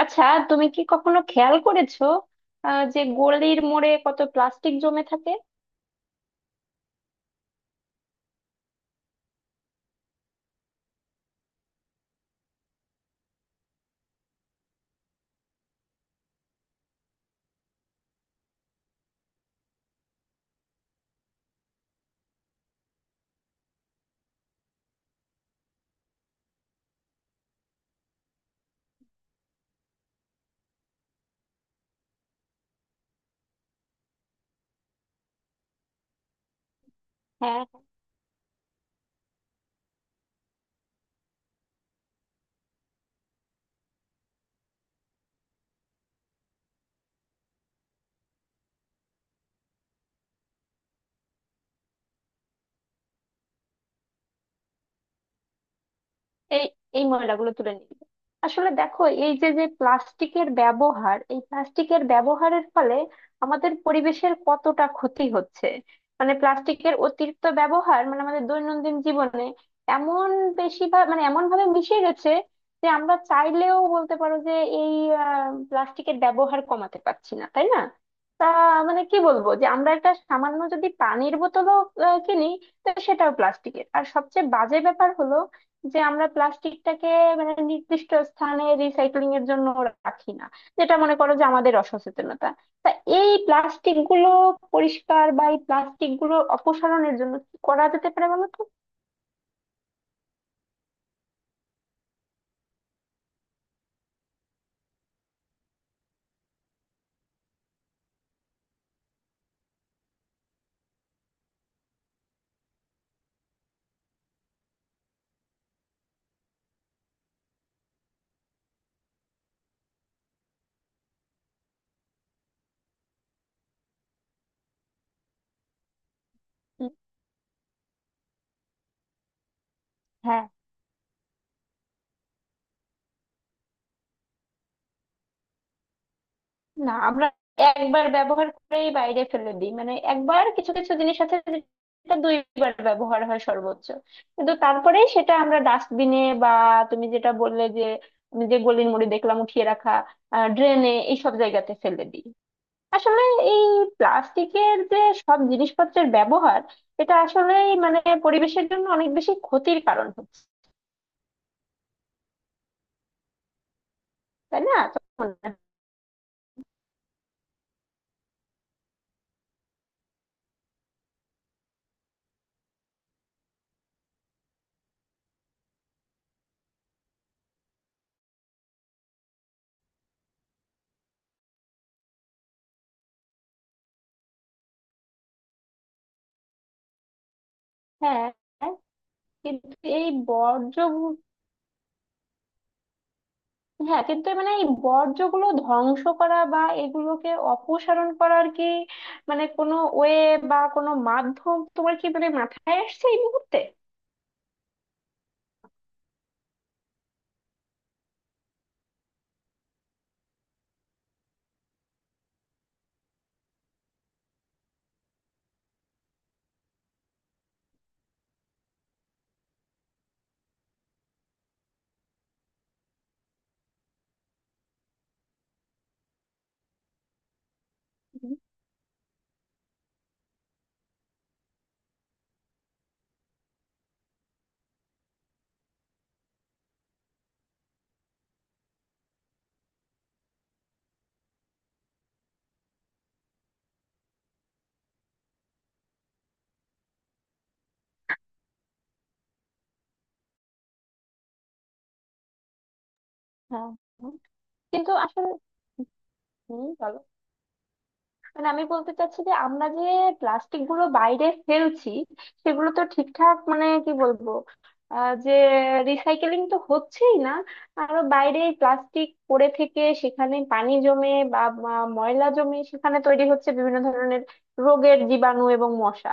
আচ্ছা, তুমি কি কখনো খেয়াল করেছো যে গলির মোড়ে কত প্লাস্টিক জমে থাকে? হ্যাঁ। এই এই ময়লাগুলো তুলে নিবে। আসলে দেখো এই যে যে প্লাস্টিকের ব্যবহার, এই প্লাস্টিকের ব্যবহারের ফলে আমাদের পরিবেশের কতটা ক্ষতি হচ্ছে। মানে প্লাস্টিকের অতিরিক্ত ব্যবহার মানে আমাদের দৈনন্দিন জীবনে এমন মানে এমন ভাবে মিশে গেছে যে আমরা চাইলেও বলতে পারো যে এই প্লাস্টিকের ব্যবহার কমাতে পারছি না, তাই না? তা মানে কি বলবো, যে আমরা একটা সামান্য যদি পানির বোতলও কিনি, তো সেটাও প্লাস্টিকের। আর সবচেয়ে বাজে ব্যাপার হলো যে আমরা প্লাস্টিকটাকে মানে নির্দিষ্ট স্থানে রিসাইক্লিং এর জন্য রাখি না। যেটা মনে করো যে আমাদের অসচেতনতা। তা এই প্লাস্টিক গুলো পরিষ্কার বা এই প্লাস্টিক গুলো অপসারণের জন্য কি করা যেতে পারে বলো তো? উম, হ্যাঁ। না, আমরা একবার ব্যবহার করেই বাইরে ফেলে দিই। মানে একবার কিছু কিছু জিনিস আছে যেটা দুইবার ব্যবহার হয় সর্বোচ্চ, কিন্তু তারপরে সেটা আমরা ডাস্টবিনে বা তুমি যেটা বললে যে আমি যে গলির মোড়ে দেখলাম উঠিয়ে রাখা, ড্রেনে এইসব জায়গাতে ফেলে দিই। আসলে এই প্লাস্টিকের যে সব জিনিসপত্রের ব্যবহার, এটা আসলেই মানে পরিবেশের জন্য অনেক বেশি ক্ষতির কারণ হচ্ছে। তাই না তো মনে হয়। হ্যাঁ, কিন্তু এই বর্জ্য গু- হ্যাঁ কিন্তু মানে এই বর্জ্যগুলো ধ্বংস করা বা এগুলোকে অপসারণ করার কি, মানে কোনো ওয়ে বা কোনো মাধ্যম তোমার কি মানে মাথায় আসছে এই মুহূর্তে? হুম, হ্যাঁ। হুম। কিন্তু আসলে হম মানে আমি বলতে চাচ্ছি যে আমরা যে প্লাস্টিক গুলো বাইরে ফেলছি, সেগুলো তো ঠিকঠাক মানে কি বলবো, যে রিসাইকেলিং তো হচ্ছেই না। আরো বাইরে প্লাস্টিক পড়ে থেকে সেখানে পানি জমে বা বা ময়লা জমে, সেখানে তৈরি হচ্ছে বিভিন্ন ধরনের রোগের জীবাণু এবং মশা,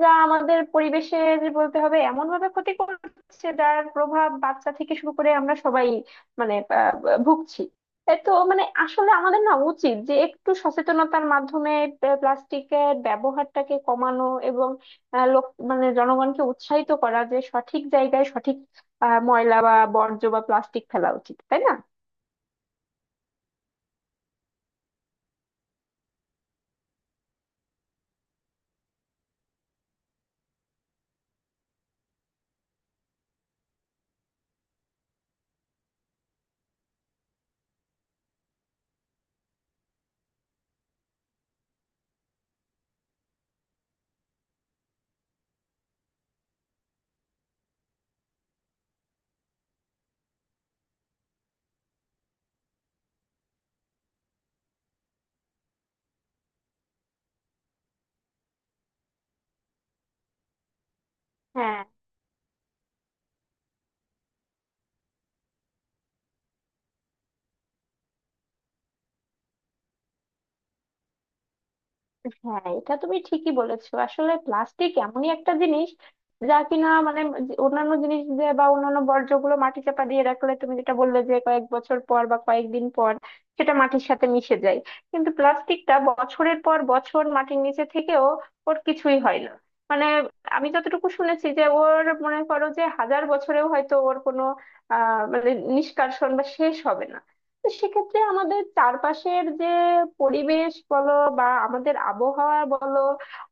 যা আমাদের পরিবেশের বলতে হবে এমন ভাবে ক্ষতি করছে যার প্রভাব বাচ্চা থেকে শুরু করে আমরা সবাই মানে ভুগছি। এ তো মানে আসলে আমাদের না উচিত যে একটু সচেতনতার মাধ্যমে প্লাস্টিকের ব্যবহারটাকে কমানো এবং আহ, লোক মানে জনগণকে উৎসাহিত করা যে সঠিক জায়গায় সঠিক ময়লা বা বর্জ্য বা প্লাস্টিক ফেলা উচিত, তাই না? হ্যাঁ। হ্যাঁ, এটা তুমি ঠিকই বলেছো। আসলে প্লাস্টিক এমনই একটা জিনিস যা কিনা মানে যে অন্যান্য জিনিস যে বা অন্যান্য বর্জ্যগুলো মাটি চাপা দিয়ে রাখলে তুমি যেটা বললে যে কয়েক বছর পর বা কয়েকদিন পর সেটা মাটির সাথে মিশে যায়, কিন্তু প্লাস্টিকটা বছরের পর বছর মাটির নিচে থেকেও ওর কিছুই হয় না। মানে আমি যতটুকু শুনেছি যে ওর, মনে করো, যে হাজার বছরেও হয়তো ওর কোনো আহ মানে নিষ্কাশন বা শেষ হবে না। তো সেক্ষেত্রে আমাদের চারপাশের যে পরিবেশ বলো বা আমাদের আবহাওয়া বলো,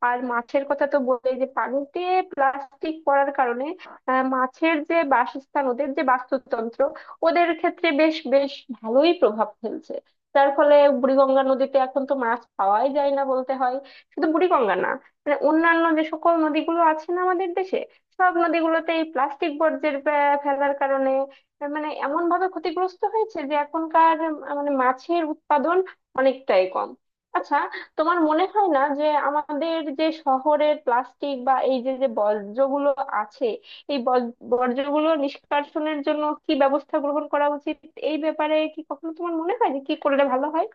আর মাছের কথা তো বলে, যে পানিতে প্লাস্টিক পড়ার কারণে মাছের যে বাসস্থান, ওদের যে বাস্তুতন্ত্র, ওদের ক্ষেত্রে বেশ বেশ ভালোই প্রভাব ফেলছে, যার ফলে বুড়িগঙ্গা নদীতে এখন তো মাছ পাওয়াই যায় না বলতে হয়। শুধু বুড়িগঙ্গা না, মানে অন্যান্য যে সকল নদীগুলো আছে না আমাদের দেশে, সব নদীগুলোতে এই প্লাস্টিক বর্জ্যের ফেলার কারণে, তার মানে এমন ভাবে ক্ষতিগ্রস্ত হয়েছে যে এখনকার মানে মাছের উৎপাদন অনেকটাই কম। আচ্ছা, তোমার মনে হয় না যে আমাদের যে শহরের প্লাস্টিক বা এই যে যে বর্জ্যগুলো আছে, এই বর্জ্যগুলো নিষ্কাশনের জন্য কি ব্যবস্থা গ্রহণ করা উচিত? এই ব্যাপারে কি কখনো তোমার মনে হয় যে কি করলে ভালো হয়?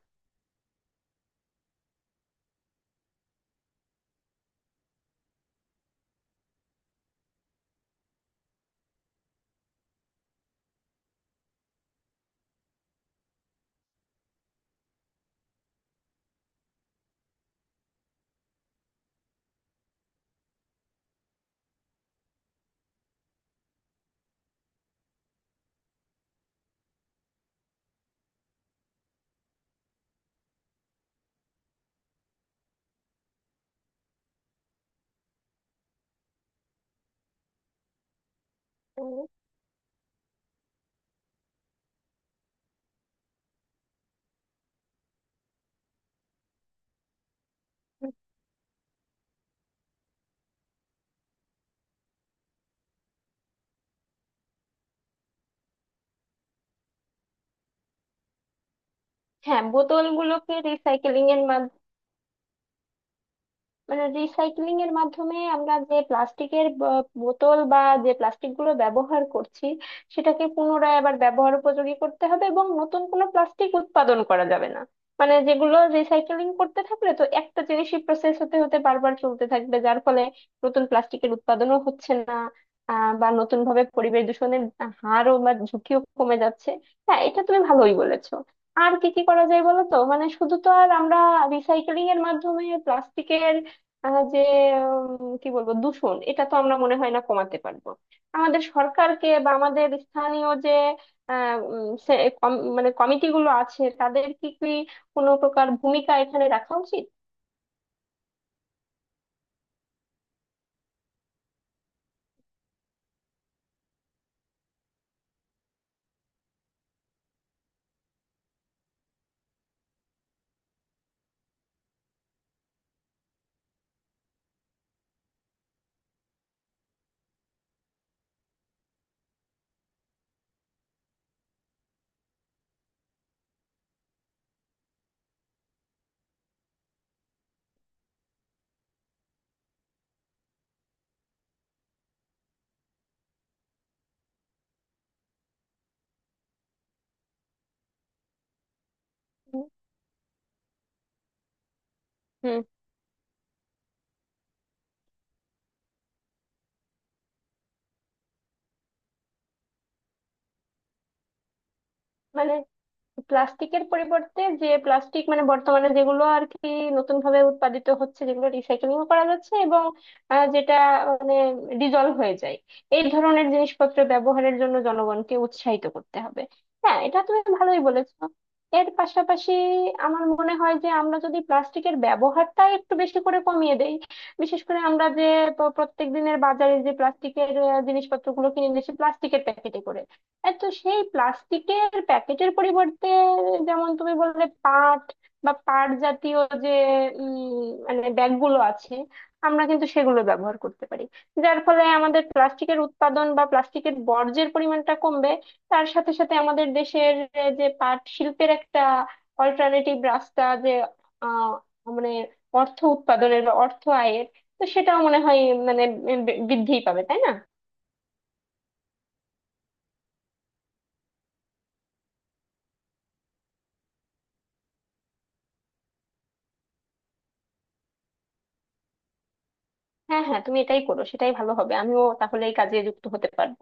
উম, হ্যাঁ, বোতলগুলোকে রিসাইকেলিং এর মাধ্যমে, মানে রিসাইক্লিং এর মাধ্যমে আমরা যে প্লাস্টিকের বোতল বা যে প্লাস্টিক গুলো ব্যবহার করছি, সেটাকে পুনরায় আবার ব্যবহার উপযোগী করতে হবে এবং নতুন কোনো প্লাস্টিক উৎপাদন করা যাবে না। মানে যেগুলো রিসাইক্লিং করতে থাকলে তো একটা জিনিসই প্রসেস হতে হতে বারবার চলতে থাকবে, যার ফলে নতুন প্লাস্টিকের উৎপাদনও হচ্ছে না বা নতুন ভাবে পরিবেশ দূষণের হারও বা ঝুঁকিও কমে যাচ্ছে। হ্যাঁ, এটা তুমি ভালোই বলেছো। আর কি কি করা যায় বলো তো, মানে শুধু তো আর আমরা রিসাইক্লিং এর মাধ্যমে প্লাস্টিকের আহ যে কি বলবো দূষণ, এটা তো আমরা মনে হয় না কমাতে পারবো। আমাদের সরকারকে বা আমাদের স্থানীয় যে আহ, উম, সে- কম- মানে কমিটিগুলো আছে, তাদের কি কি কোনো প্রকার ভূমিকা এখানে রাখা উচিত? হুম মানে প্লাস্টিকের পরিবর্তে যে প্লাস্টিক মানে বর্তমানে যেগুলো আর কি নতুন ভাবে উৎপাদিত হচ্ছে, যেগুলো রিসাইক্লিং করা যাচ্ছে এবং যেটা মানে ডিজলভ হয়ে যায়, এই ধরনের জিনিসপত্র ব্যবহারের জন্য জনগণকে উৎসাহিত করতে হবে। হ্যাঁ, এটা তুমি ভালোই বলেছো। এর পাশাপাশি আমার মনে হয় যে আমরা যদি প্লাস্টিকের ব্যবহারটা একটু বেশি করে কমিয়ে দেই, বিশেষ করে আমরা যে প্রত্যেক দিনের বাজারে যে প্লাস্টিকের জিনিসপত্রগুলো কিনে নিচ্ছি প্লাস্টিকের প্যাকেটে করে, আর তো সেই প্লাস্টিকের প্যাকেটের পরিবর্তে যেমন তুমি বললে পাট বা পাট জাতীয় যে মানে ব্যাগগুলো আছে, আমরা কিন্তু সেগুলো ব্যবহার করতে পারি, যার ফলে আমাদের প্লাস্টিকের উৎপাদন বা প্লাস্টিকের বর্জ্যের পরিমাণটা কমবে। তার সাথে সাথে আমাদের দেশের যে পাট শিল্পের একটা অল্টারনেটিভ রাস্তা, যে আহ মানে অর্থ উৎপাদনের বা অর্থ আয়ের, তো সেটাও মনে হয় মানে বৃদ্ধিই পাবে, তাই না? হ্যাঁ, হ্যাঁ তুমি এটাই করো, সেটাই ভালো হবে। আমিও তাহলে এই কাজে যুক্ত হতে পারবো।